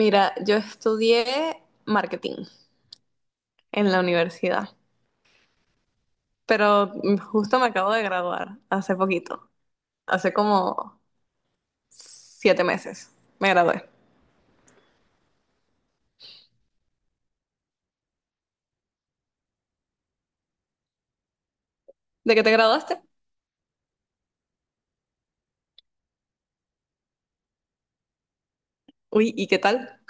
Mira, yo estudié marketing en la universidad, pero justo me acabo de graduar hace poquito, hace como 7 meses me gradué. ¿De qué te graduaste? Uy, ¿y qué tal?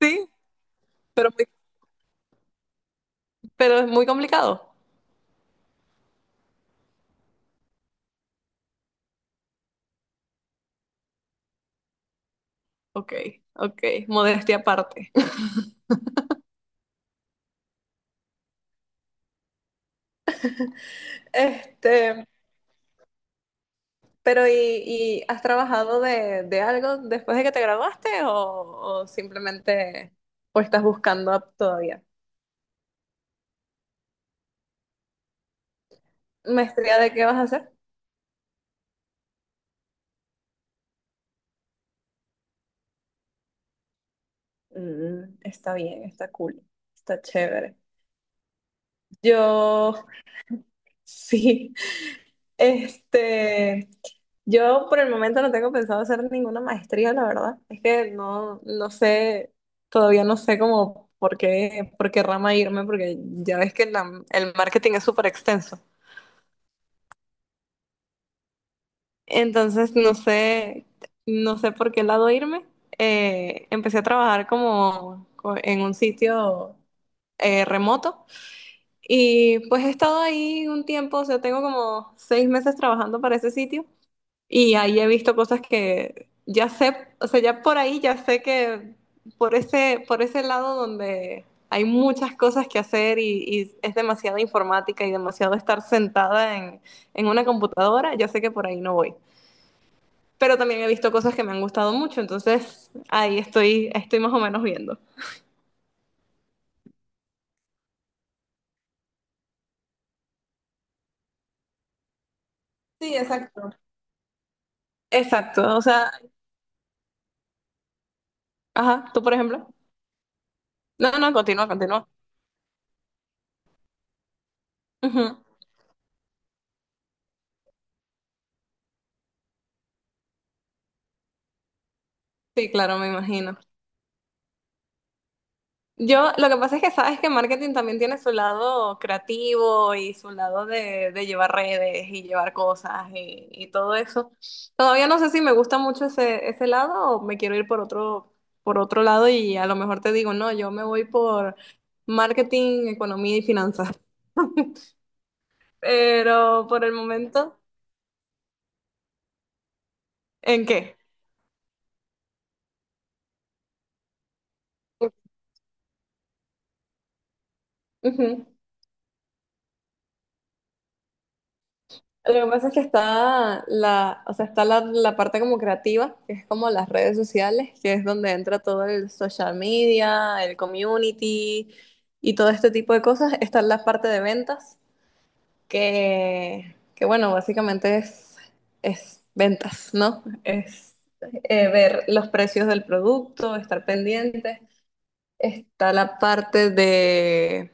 Sí, pero pero es muy complicado. Ok, ok, modestia aparte. Este, pero ¿y has trabajado de algo después de que te graduaste o simplemente o estás buscando todavía? ¿Maestría de qué vas a hacer? Está bien, está cool, está chévere. Yo, sí, este, yo por el momento no tengo pensado hacer ninguna maestría, la verdad. Es que no sé, todavía no sé cómo, por qué rama irme, porque ya ves que el marketing es súper extenso. Entonces, no sé, no sé por qué lado irme. Empecé a trabajar en un sitio remoto. Y pues he estado ahí un tiempo, o sea, tengo como 6 meses trabajando para ese sitio y ahí he visto cosas que ya sé, o sea, ya por ahí ya sé que por ese lado donde hay muchas cosas que hacer y es demasiada informática y demasiado estar sentada en una computadora, ya sé que por ahí no voy. Pero también he visto cosas que me han gustado mucho, entonces ahí estoy, estoy más o menos viendo. Sí, exacto. Exacto, o sea, ajá, tú por ejemplo. No, no, continúa, continúa. Ujú. Sí, claro, me imagino. Yo, lo que pasa es que sabes que marketing también tiene su lado creativo y su lado de llevar redes y llevar cosas y todo eso. Todavía no sé si me gusta mucho ese lado o me quiero ir por otro lado y a lo mejor te digo, no, yo me voy por marketing, economía y finanzas. Pero por el momento, ¿en qué? Ujú. Lo que pasa es que está o sea, está la parte como creativa, que es como las redes sociales, que es donde entra todo el social media, el community y todo este tipo de cosas. Está la parte de ventas, que bueno, básicamente es ventas, ¿no? Es ver los precios del producto, estar pendiente. Está la parte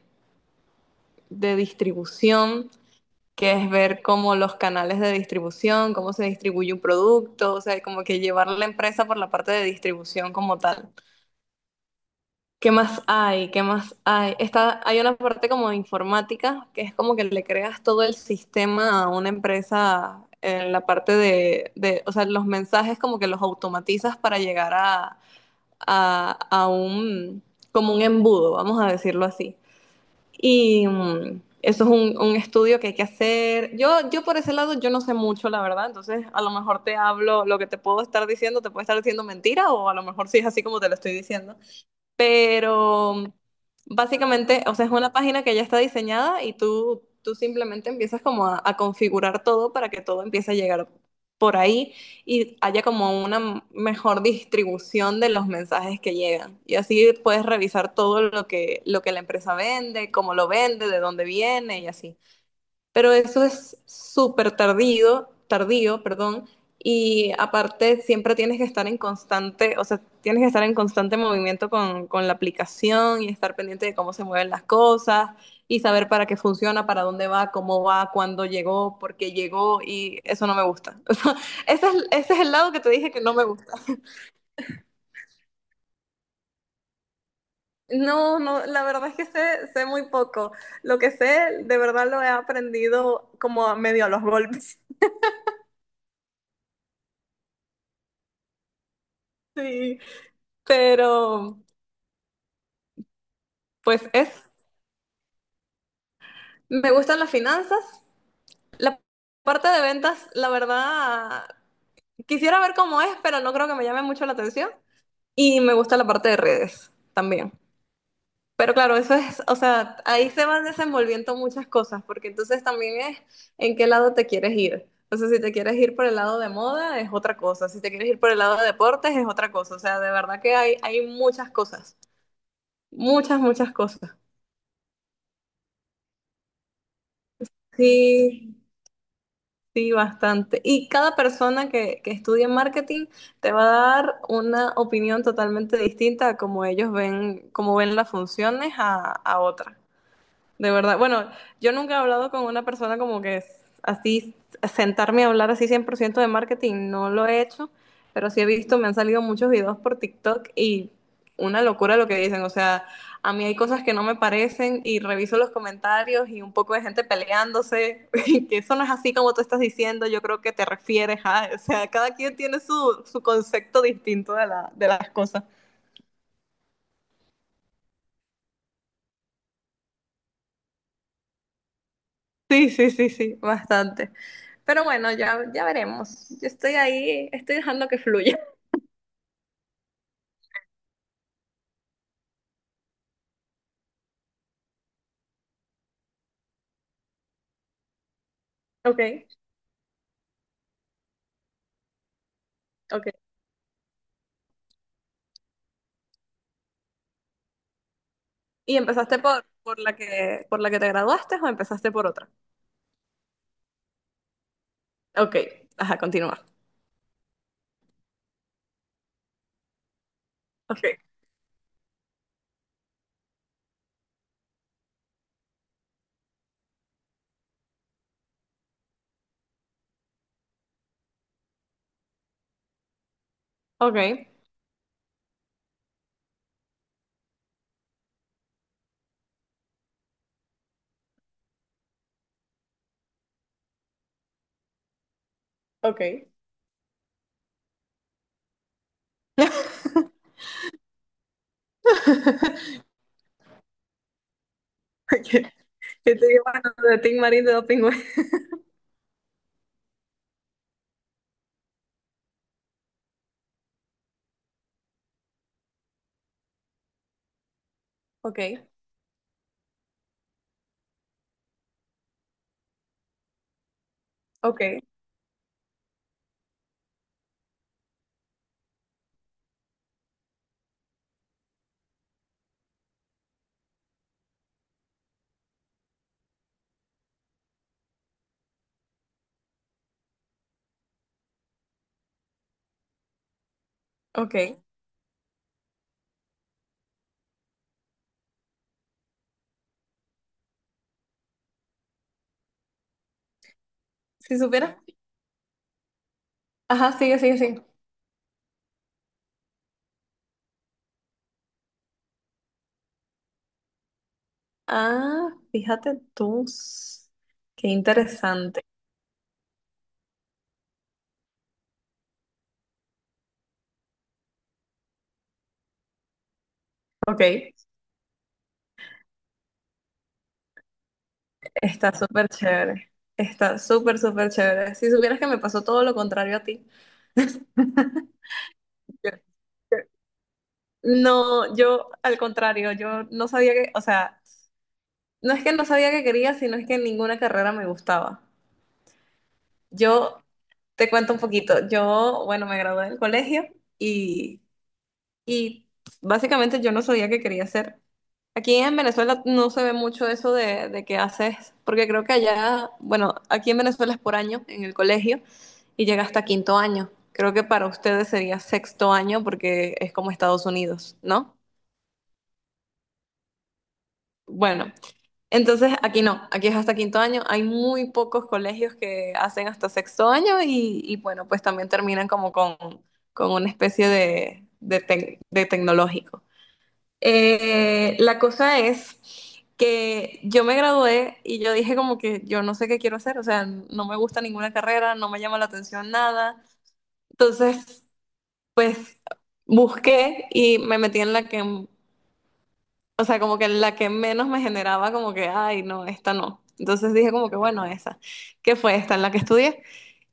de distribución que es ver cómo los canales de distribución, cómo se distribuye un producto, o sea, como que llevar la empresa por la parte de distribución como tal. ¿Qué más hay? ¿Qué más hay? Está, hay una parte como de informática, que es como que le creas todo el sistema a una empresa en la parte de o sea, los mensajes como que los automatizas para llegar a un, como un embudo, vamos a decirlo así. Y eso es un estudio que hay que hacer. Yo por ese lado yo no sé mucho, la verdad. Entonces, a lo mejor te hablo, lo que te puedo estar diciendo, te puede estar diciendo mentira o a lo mejor sí es así como te lo estoy diciendo. Pero básicamente, o sea, es una página que ya está diseñada y tú simplemente empiezas como a configurar todo para que todo empiece a llegar por ahí y haya como una mejor distribución de los mensajes que llegan. Y así puedes revisar todo lo que la empresa vende, cómo lo vende, de dónde viene y así pero eso es súper tardío, tardío, perdón, y aparte siempre tienes que estar en constante, o sea, tienes que estar en constante movimiento con la aplicación y estar pendiente de cómo se mueven las cosas y saber para qué funciona, para dónde va, cómo va, cuándo llegó, por qué llegó y eso no me gusta. O sea, ese es el lado que te dije que no me gusta. No, no, la verdad es que sé, sé muy poco. Lo que sé, de verdad lo he aprendido como a medio a los golpes. Sí. Pero, pues es, me gustan las finanzas. La parte de ventas, la verdad, quisiera ver cómo es, pero no creo que me llame mucho la atención. Y me gusta la parte de redes también. Pero claro, eso es, o sea, ahí se van desenvolviendo muchas cosas, porque entonces también es en qué lado te quieres ir. O sea, si te quieres ir por el lado de moda, es otra cosa. Si te quieres ir por el lado de deportes, es otra cosa. O sea, de verdad que hay muchas cosas. Muchas, muchas cosas. Sí. Sí, bastante. Y cada persona que estudie marketing te va a dar una opinión totalmente distinta a cómo ellos ven, cómo ven las funciones a otra. De verdad, bueno, yo nunca he hablado con una persona como que es así, sentarme a hablar así 100% de marketing, no lo he hecho, pero sí he visto, me han salido muchos videos por TikTok y una locura lo que dicen, o sea, a mí hay cosas que no me parecen y reviso los comentarios y un poco de gente peleándose, y que eso no es así como tú estás diciendo, yo creo que te refieres o sea, cada quien tiene su concepto distinto de de las cosas. Sí, sí, sí, sí, bastante. Pero bueno, ya, ya veremos. Yo estoy ahí, estoy dejando que fluya. Ok, ok. ¿Y empezaste por la que te graduaste o empezaste por otra? Ok, ajá, continúa. Ok, ok, ok. Okay. Yo te digo, bueno, de Tim Marín de Doping Web. Ok, ok, ok. Si supieras. Ajá, sigue, sigue, sigue. Ah, fíjate tú. Qué interesante. Ok, está súper chévere. Está súper, súper chévere. Si supieras que me pasó todo lo contrario a ti. Yo- yo- No, yo al contrario, yo no sabía que, o sea, no es que no sabía que quería, sino es que ninguna carrera me gustaba. Yo te cuento un poquito. Yo, bueno, me gradué del colegio y, y básicamente yo no sabía qué quería hacer. Aquí en Venezuela no se ve mucho eso de que haces, porque creo que allá, bueno, aquí en Venezuela es por año en el colegio y llega hasta quinto año. Creo que para ustedes sería sexto año porque es como Estados Unidos, ¿no? Bueno, entonces aquí no, aquí es hasta quinto año. Hay muy pocos colegios que hacen hasta sexto año y bueno, pues también terminan como con una especie de, de tecnológico. La cosa es que yo me gradué y yo dije como que yo no sé qué quiero hacer, o sea, no me gusta ninguna carrera, no me llama la atención nada. Entonces, pues busqué y me metí en la que o sea, como que la que menos me generaba como que, ay, no, esta no. Entonces dije como que, bueno, esa, que fue esta en la que estudié.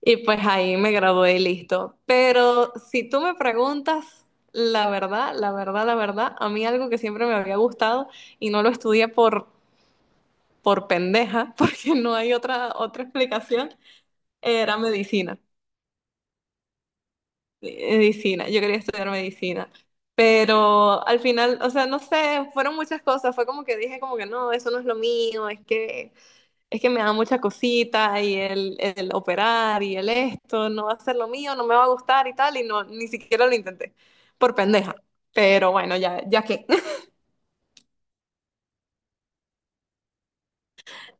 Y pues ahí me gradué y listo. Pero si tú me preguntas, la verdad, la verdad, la verdad, a mí algo que siempre me había gustado y no lo estudié por pendeja, porque no hay otra, otra explicación, era medicina. Medicina, yo quería estudiar medicina, pero al final, o sea, no sé, fueron muchas cosas, fue como que dije como que no, eso no es lo mío, es que me da mucha cosita y el operar y el esto, no va a ser lo mío, no me va a gustar y tal, y no, ni siquiera lo intenté, por pendeja, pero bueno, ya, ya qué.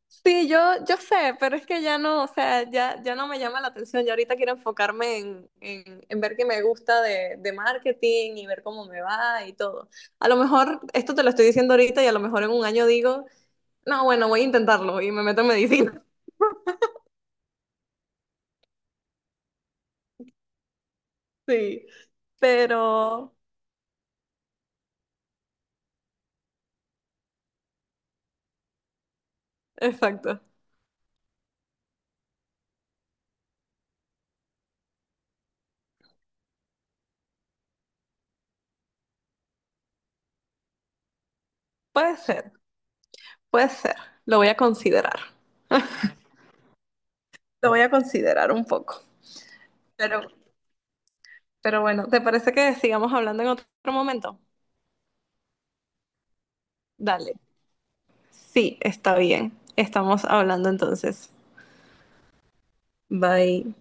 Sí, yo sé, pero es que ya no, o sea, ya, ya no me llama la atención. Ya ahorita quiero enfocarme en ver qué me gusta de marketing y ver cómo me va y todo. A lo mejor esto te lo estoy diciendo ahorita y a lo mejor en un año digo, no, bueno, voy a intentarlo y me meto en medicina. Sí, pero, exacto. Puede ser, puede ser. Lo voy a considerar. Lo voy a considerar un poco. Pero, pero bueno, ¿te parece que sigamos hablando en otro momento? Dale. Sí, está bien. Estamos hablando entonces. Bye.